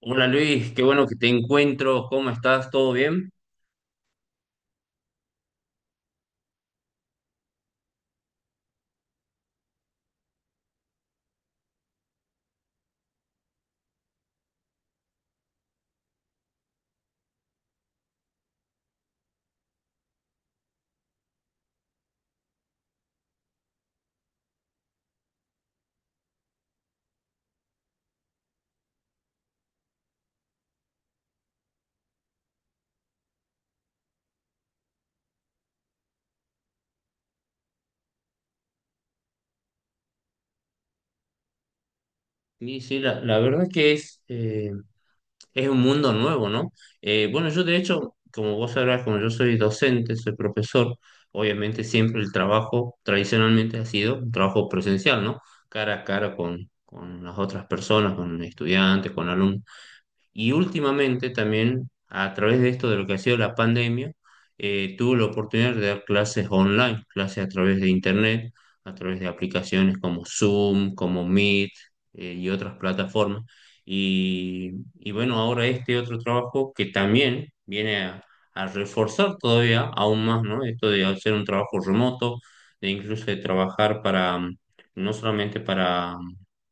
Hola Luis, qué bueno que te encuentro, ¿cómo estás? ¿Todo bien? Sí, sí, la verdad es que es es un mundo nuevo, ¿no? Bueno, yo de hecho, como vos sabrás, como yo soy docente, soy profesor, obviamente siempre el trabajo tradicionalmente ha sido un trabajo presencial, ¿no? Cara a cara con las otras personas, con estudiantes, con alumnos. Y últimamente también, a través de esto de lo que ha sido la pandemia, tuve la oportunidad de dar clases online, clases a través de internet, a través de aplicaciones como Zoom, como Meet, y otras plataformas. Y, y bueno, ahora este otro trabajo que también viene a reforzar todavía aún más, ¿no? Esto de hacer un trabajo remoto, de incluso de trabajar para, no solamente para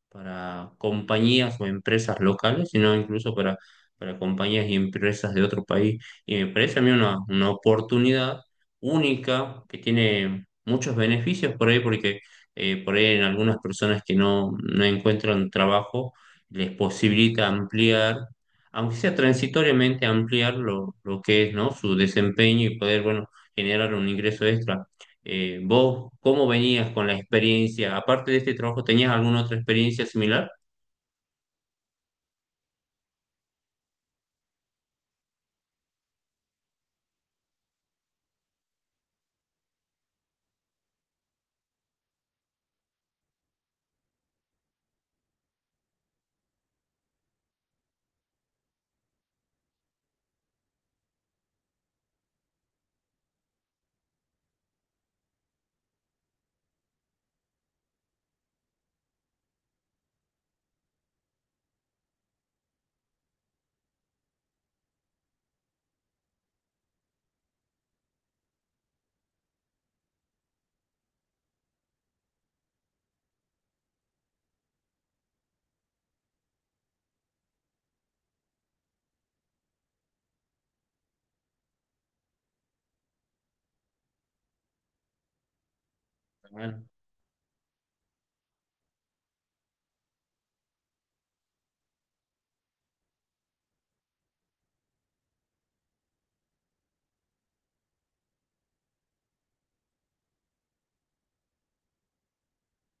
compañías o empresas locales, sino incluso para compañías y empresas de otro país. Y me parece a mí una oportunidad única que tiene muchos beneficios por ahí, porque por ahí en algunas personas que no encuentran trabajo les posibilita ampliar, aunque sea transitoriamente, ampliar lo que es, ¿no? Su desempeño y poder, bueno, generar un ingreso extra. ¿Vos cómo venías con la experiencia? Aparte de este trabajo, ¿tenías alguna otra experiencia similar?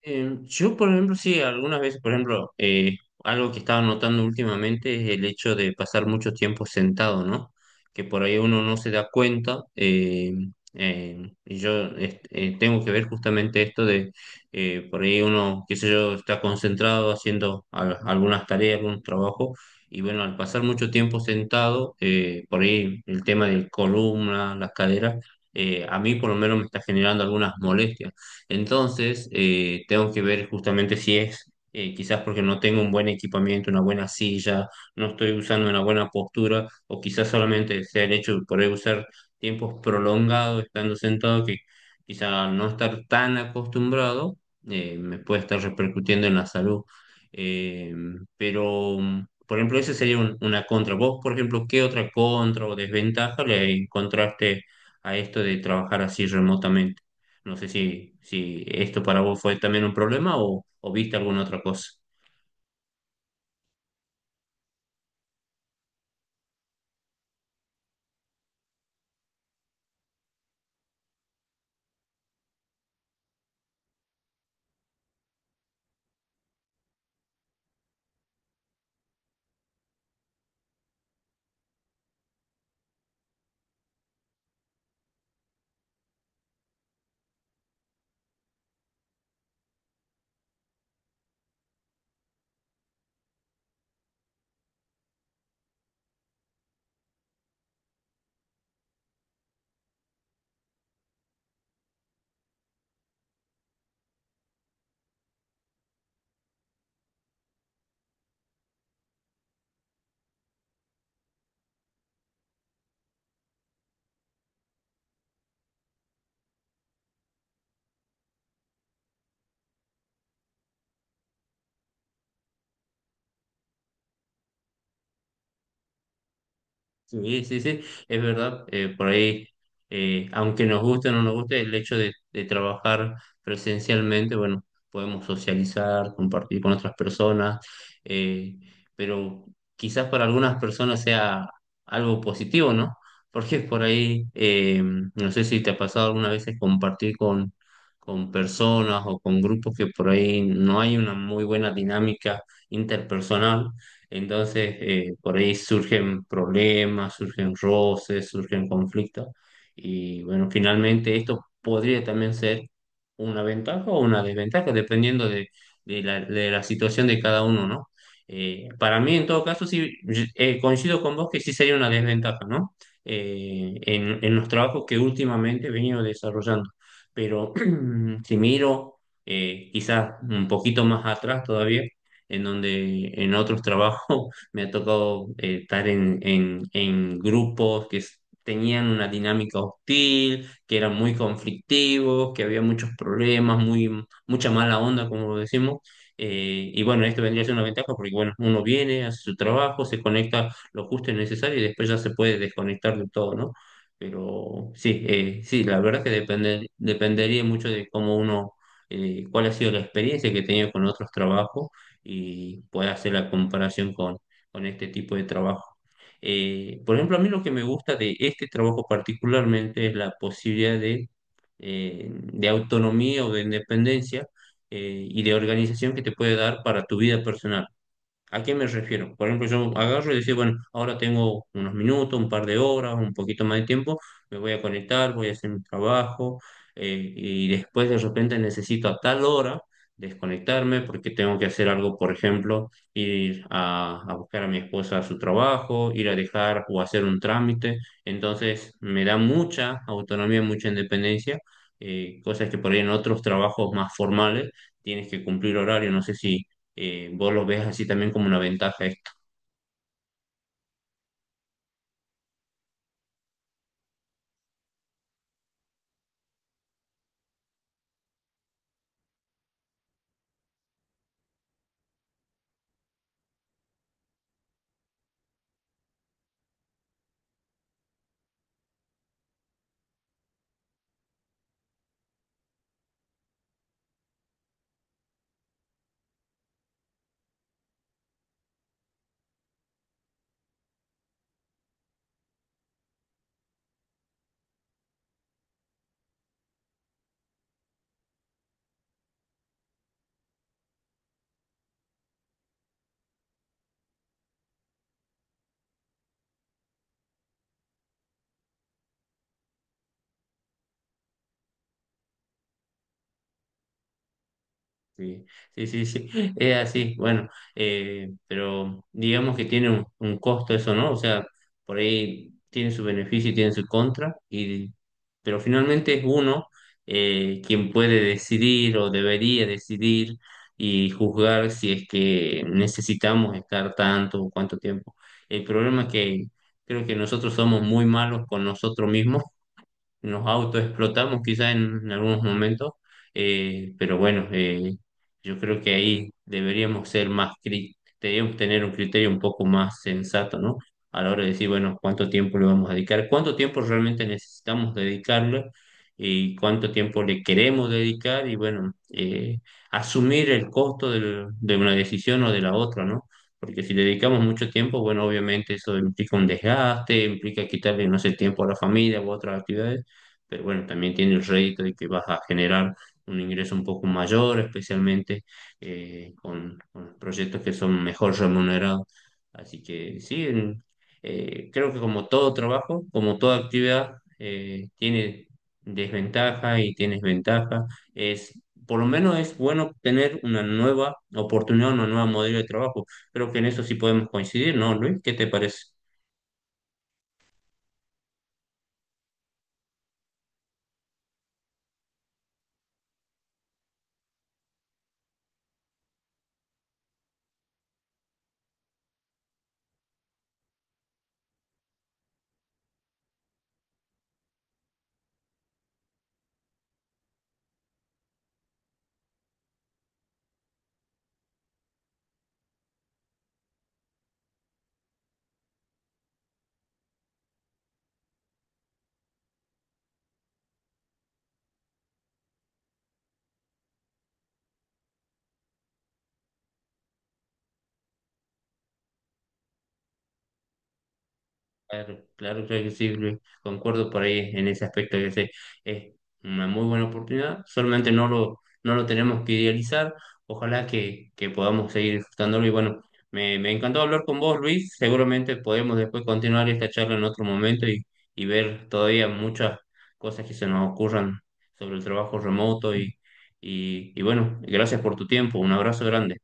Yo, por ejemplo, sí, algunas veces, por ejemplo, algo que estaba notando últimamente es el hecho de pasar mucho tiempo sentado, ¿no? Que por ahí uno no se da cuenta. Y yo este, tengo que ver justamente esto de, por ahí uno, qué sé yo, está concentrado haciendo algunas tareas, algunos trabajos, y bueno, al pasar mucho tiempo sentado, por ahí el tema de columna, las caderas, a mí por lo menos me está generando algunas molestias. Entonces, tengo que ver justamente si es, quizás porque no tengo un buen equipamiento, una buena silla, no estoy usando una buena postura, o quizás solamente sea el hecho de poder usar tiempos prolongados estando sentado, que quizás no estar tan acostumbrado, me puede estar repercutiendo en la salud. Eh, pero, por ejemplo, esa sería una contra. ¿Vos, por ejemplo, qué otra contra o desventaja le encontraste a esto de trabajar así remotamente? No sé si esto para vos fue también un problema o viste alguna otra cosa. Sí, sí, sí, es verdad. Por ahí, aunque nos guste o no nos guste, el hecho de trabajar presencialmente, bueno, podemos socializar, compartir con otras personas, eh, pero quizás para algunas personas sea algo positivo, ¿no? Porque por ahí, no sé si te ha pasado alguna vez compartir con personas o con grupos que por ahí no hay una muy buena dinámica interpersonal. Entonces, por ahí surgen problemas, surgen roces, surgen conflictos. Y bueno, finalmente esto podría también ser una ventaja o una desventaja, dependiendo de, de la situación de cada uno, ¿no? Para mí, en todo caso, sí, coincido con vos que sí sería una desventaja, ¿no? En los trabajos que últimamente he venido desarrollando. Pero si miro quizás un poquito más atrás todavía, en donde en otros trabajos me ha tocado estar en grupos que tenían una dinámica hostil, que eran muy conflictivos, que había muchos problemas, mucha mala onda, como decimos. Y bueno, esto vendría a ser una ventaja porque bueno, uno viene, hace su trabajo, se conecta lo justo y necesario y después ya se puede desconectar de todo, ¿no? Pero sí, sí, la verdad que depende, dependería mucho de cómo uno, cuál ha sido la experiencia que he tenido con otros trabajos y pueda hacer la comparación con este tipo de trabajo. Por ejemplo, a mí lo que me gusta de este trabajo particularmente es la posibilidad de autonomía o de independencia, y de organización que te puede dar para tu vida personal. ¿A qué me refiero? Por ejemplo, yo agarro y decir, bueno, ahora tengo unos minutos, un par de horas, un poquito más de tiempo, me voy a conectar, voy a hacer mi trabajo, y después de repente necesito a tal hora desconectarme porque tengo que hacer algo, por ejemplo, ir a buscar a mi esposa a su trabajo, ir a dejar o hacer un trámite. Entonces, me da mucha autonomía, mucha independencia, cosas que por ahí en otros trabajos más formales tienes que cumplir horario, no sé si vos lo ves así también como una ventaja esto. Sí, sí, sí, sí, es así, bueno, pero digamos que tiene un costo eso, ¿no? O sea, por ahí tiene su beneficio y tiene su contra, y, pero finalmente es uno quien puede decidir o debería decidir y juzgar si es que necesitamos estar tanto o cuánto tiempo. El problema es que creo que nosotros somos muy malos con nosotros mismos, nos autoexplotamos quizás en algunos momentos, pero bueno, yo creo que ahí deberíamos ser más, deberíamos tener un criterio un poco más sensato, ¿no? A la hora de decir, bueno, cuánto tiempo le vamos a dedicar, cuánto tiempo realmente necesitamos dedicarle y cuánto tiempo le queremos dedicar y bueno, asumir el costo de una decisión o de la otra, ¿no? Porque si le dedicamos mucho tiempo, bueno, obviamente eso implica un desgaste, implica quitarle, no sé, tiempo a la familia u otras actividades, pero bueno, también tiene el rédito de que vas a generar un ingreso un poco mayor, especialmente con los proyectos que son mejor remunerados. Así que sí, creo que como todo trabajo, como toda actividad, tiene desventaja y tienes ventaja. Es, por lo menos es bueno tener una nueva oportunidad, una nueva modelo de trabajo. Creo que en eso sí podemos coincidir, ¿no, Luis? ¿Qué te parece? Claro, claro, claro que sí, Luis. Concuerdo por ahí en ese aspecto que sé, es una muy buena oportunidad, solamente no lo tenemos que idealizar, ojalá que podamos seguir disfrutándolo y bueno, me encantó hablar con vos, Luis, seguramente podemos después continuar esta charla en otro momento y ver todavía muchas cosas que se nos ocurran sobre el trabajo remoto y, bueno, gracias por tu tiempo, un abrazo grande.